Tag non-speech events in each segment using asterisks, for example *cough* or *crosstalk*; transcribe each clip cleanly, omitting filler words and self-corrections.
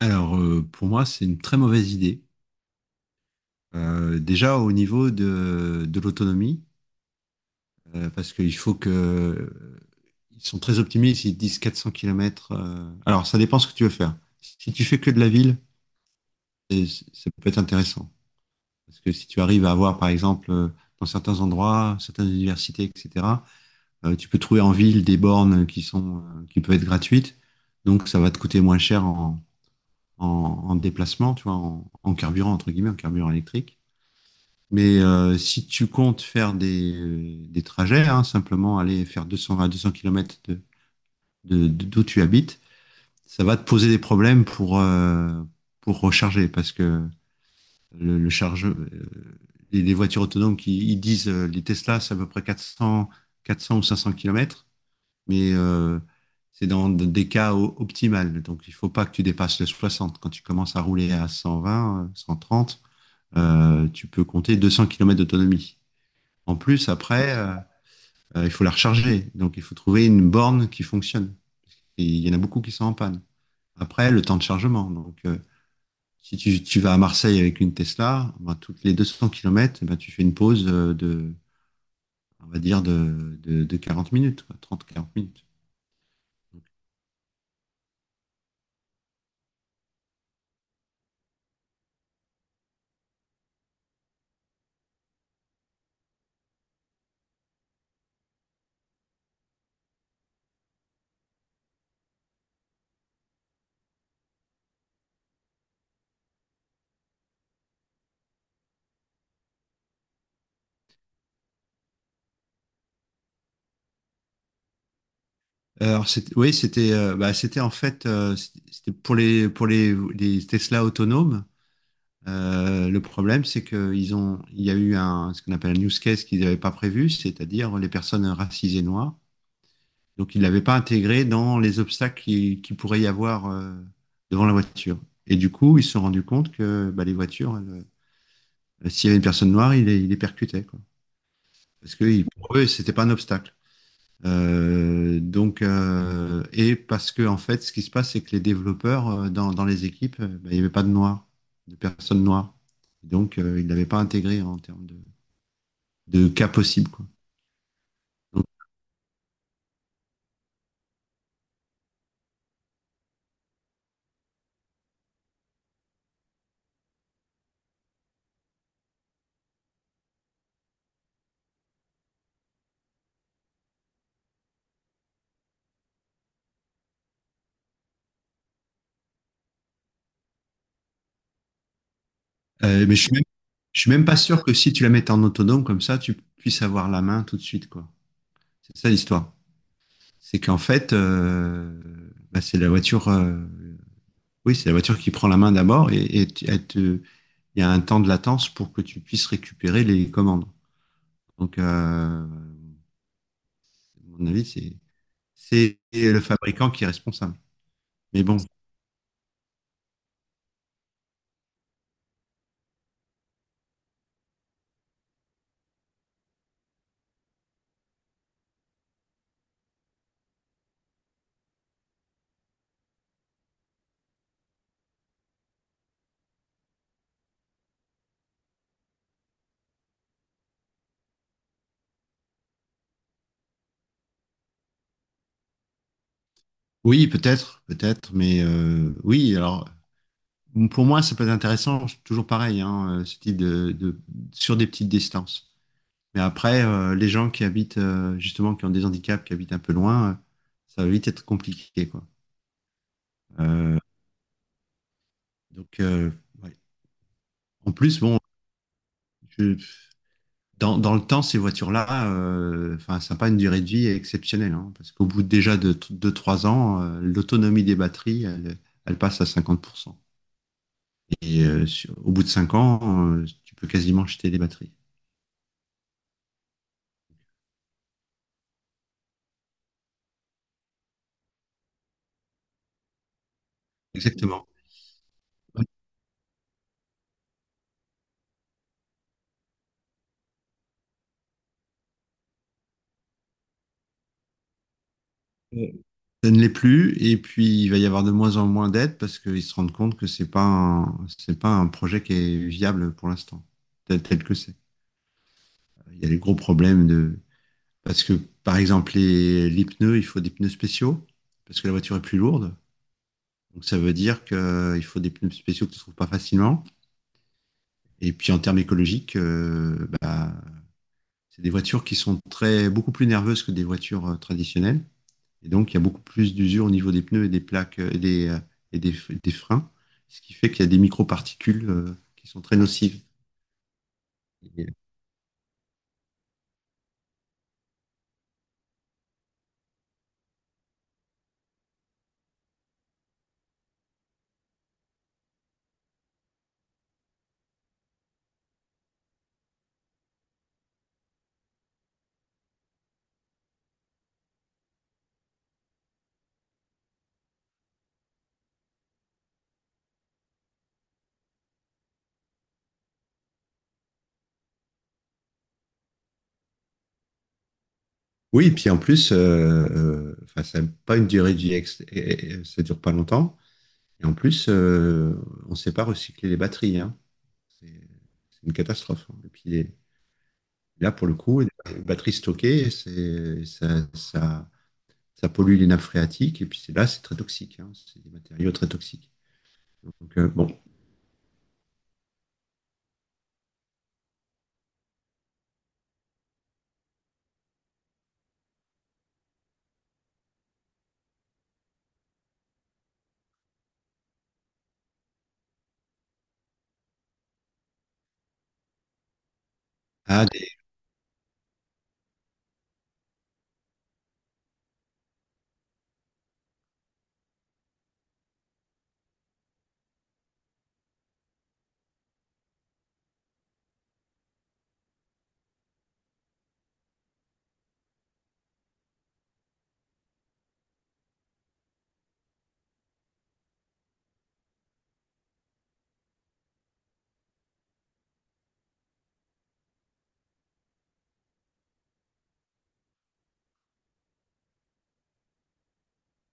Pour moi, c'est une très mauvaise idée. Déjà au niveau de l'autonomie, parce qu'il faut que... Ils sont très optimistes, ils disent 400 km. Alors, ça dépend ce que tu veux faire. Si tu fais que de la ville, ça peut être intéressant. Parce que si tu arrives à avoir, par exemple, dans certains endroits, certaines universités, etc., tu peux trouver en ville des bornes qui sont, qui peuvent être gratuites. Donc, ça va te coûter moins cher en déplacement, tu vois, en carburant, entre guillemets, en carburant électrique. Mais si tu comptes faire des trajets, hein, simplement aller faire 220 200 km de, d'où tu habites, ça va te poser des problèmes pour recharger parce que le chargeur, les voitures autonomes qui ils disent, les Tesla, c'est à peu près 400, quatre 400 ou 500 kilomètres, mais c'est dans des cas optimales. Donc il faut pas que tu dépasses le 60. Quand tu commences à rouler à 120, 130, tu peux compter 200 kilomètres d'autonomie. En plus, après, il faut la recharger. Donc, il faut trouver une borne qui fonctionne. Et il y en a beaucoup qui sont en panne. Après, le temps de chargement. Donc, si tu vas à Marseille avec une Tesla, ben, toutes les 200 km, ben, tu fais une pause de, on va dire, de 40 minutes, 30 quarante minutes. Alors, c'était, oui, c'était bah, c'était en fait C'était pour les Tesla autonomes. Le problème, c'est qu'ils ont, il y a eu un, ce qu'on appelle un use case qu'ils n'avaient pas prévu, c'est-à-dire les personnes racisées noires. Donc, ils ne l'avaient pas intégré dans les obstacles qui pourrait y avoir devant la voiture. Et du coup, ils se sont rendus compte que bah, les voitures, elles, s'il y avait une personne noire, ils les percutaient, quoi. Parce que pour eux, c'était pas un obstacle. Et parce que en fait, ce qui se passe, c'est que les développeurs dans les équipes, ben, il n'y avait pas de noirs, de personnes noires. Donc, ils ne l'avaient pas intégré en termes de cas possible, quoi. Donc, euh, mais je suis même, je suis même pas sûr que si tu la mets en autonome comme ça, tu puisses avoir la main tout de suite, quoi. C'est ça l'histoire. C'est qu'en fait, bah, C'est la voiture qui prend la main d'abord , et il y a un temps de latence pour que tu puisses récupérer les commandes. Donc, à mon avis, c'est le fabricant qui est responsable. Mais bon, oui, peut-être, peut-être, mais oui, alors, pour moi, ça peut être intéressant, toujours pareil, hein, ce type sur des petites distances. Mais après, les gens qui habitent, justement, qui ont des handicaps, qui habitent un peu loin, ça va vite être compliqué, quoi. Euh, donc, euh, ouais. En plus, bon, je- dans le temps, ces voitures-là, enfin, ça n'a pas une durée de vie exceptionnelle, hein, parce qu'au bout déjà de 2 3 ans, l'autonomie des batteries, elle, elle passe à 50%. Et au bout de 5 ans, tu peux quasiment jeter des batteries. Exactement. Ça ne l'est plus. Et puis, il va y avoir de moins en moins d'aides parce qu'ils se rendent compte que c'est pas un projet qui est viable pour l'instant, tel que c'est. Il y a des gros problèmes de. Parce que, par exemple, les pneus, il faut des pneus spéciaux parce que la voiture est plus lourde. Donc ça veut dire qu'il faut des pneus spéciaux que tu ne trouves pas facilement. Et puis en termes écologiques, bah, c'est des voitures qui sont très, beaucoup plus nerveuses que des voitures traditionnelles. Et donc il y a beaucoup plus d'usure au niveau des pneus et des plaques et des freins, ce qui fait qu'il y a des microparticules qui sont très nocives. Et- euh, oui, et puis en plus, enfin, ça n'a pas une durée de vie, ça ne dure pas longtemps. Et en plus, on ne sait pas recycler les batteries, hein. C'est c'est une catastrophe, hein. Là, pour le coup, les batteries stockées, ça pollue les nappes phréatiques. C'est très toxique, hein. C'est des matériaux très toxiques. Donc, bon. Ah, des-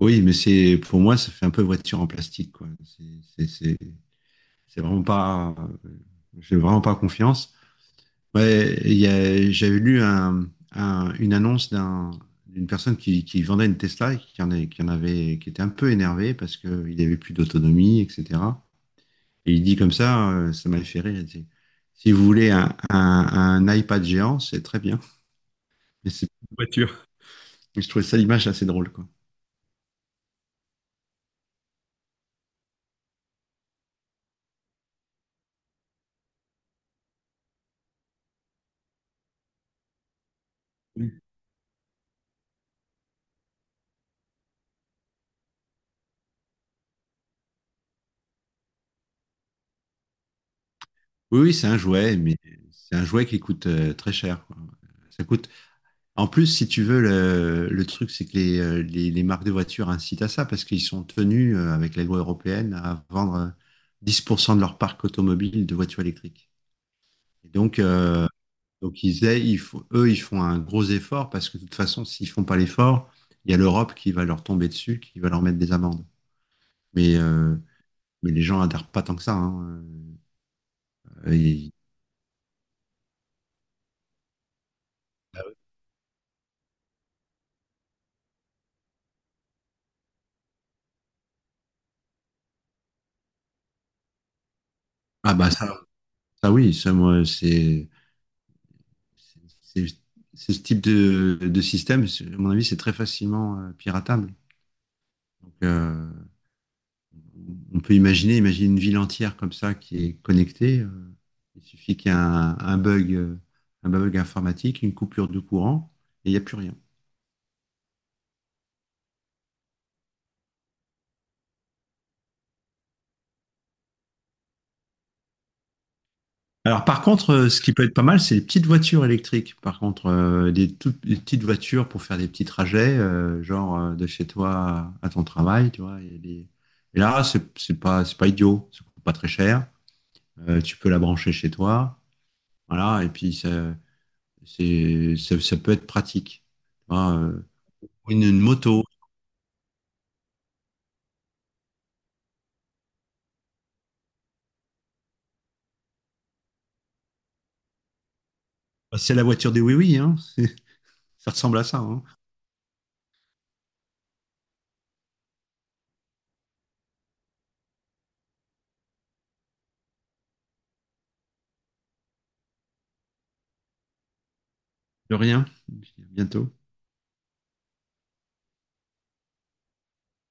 oui, mais c'est, pour moi, ça fait un peu voiture en plastique, quoi. C'est vraiment pas, euh, j'ai vraiment pas confiance. Ouais, j'avais lu une annonce d'une personne qui vendait une Tesla et qui en, est- qui en avait, qui était un peu énervée parce qu'il n'y avait plus d'autonomie, etc. Et il dit comme ça, ça m'a fait rire. Il dit, si vous voulez un iPad géant, c'est très bien. Mais c'est- je trouvais ça l'image assez drôle, quoi. Oui, oui, c'est un jouet, mais c'est un jouet qui coûte très cher, quoi. Ça coûte. En plus, si tu veux, le truc, c'est que les marques de voitures incitent à ça parce qu'ils sont tenus, avec la loi européenne, à vendre 10% de leur parc automobile de voitures électriques. Et donc, euh, Donc ils aient- ils font- eux, ils font un gros effort parce que de toute façon, s'ils font pas l'effort, il y a l'Europe qui va leur tomber dessus, qui va leur mettre des amendes. Mais, euh, mais les gens adhèrent pas tant que ça, hein. Euh, et- Ah bah ça, ça oui, ça moi c'est c'est ce type de système, à mon avis, c'est très facilement piratable. Donc, on peut imaginer, imaginer une ville entière comme ça qui est connectée. Il suffit qu'il y ait un bug informatique, une coupure de courant, et il n'y a plus rien. Alors par contre, ce qui peut être pas mal, c'est les petites voitures électriques. Par contre, des toutes des petites voitures pour faire des petits trajets, genre de chez toi à ton travail, tu vois. Il y a des- Et là, c'est pas idiot, ça coûte pas très cher. Tu peux la brancher chez toi, voilà. Et puis ça peut être pratique. Tu vois, une moto, c'est la voiture des oui-oui, hein. *laughs* Ça ressemble à ça, hein. De rien. Bientôt.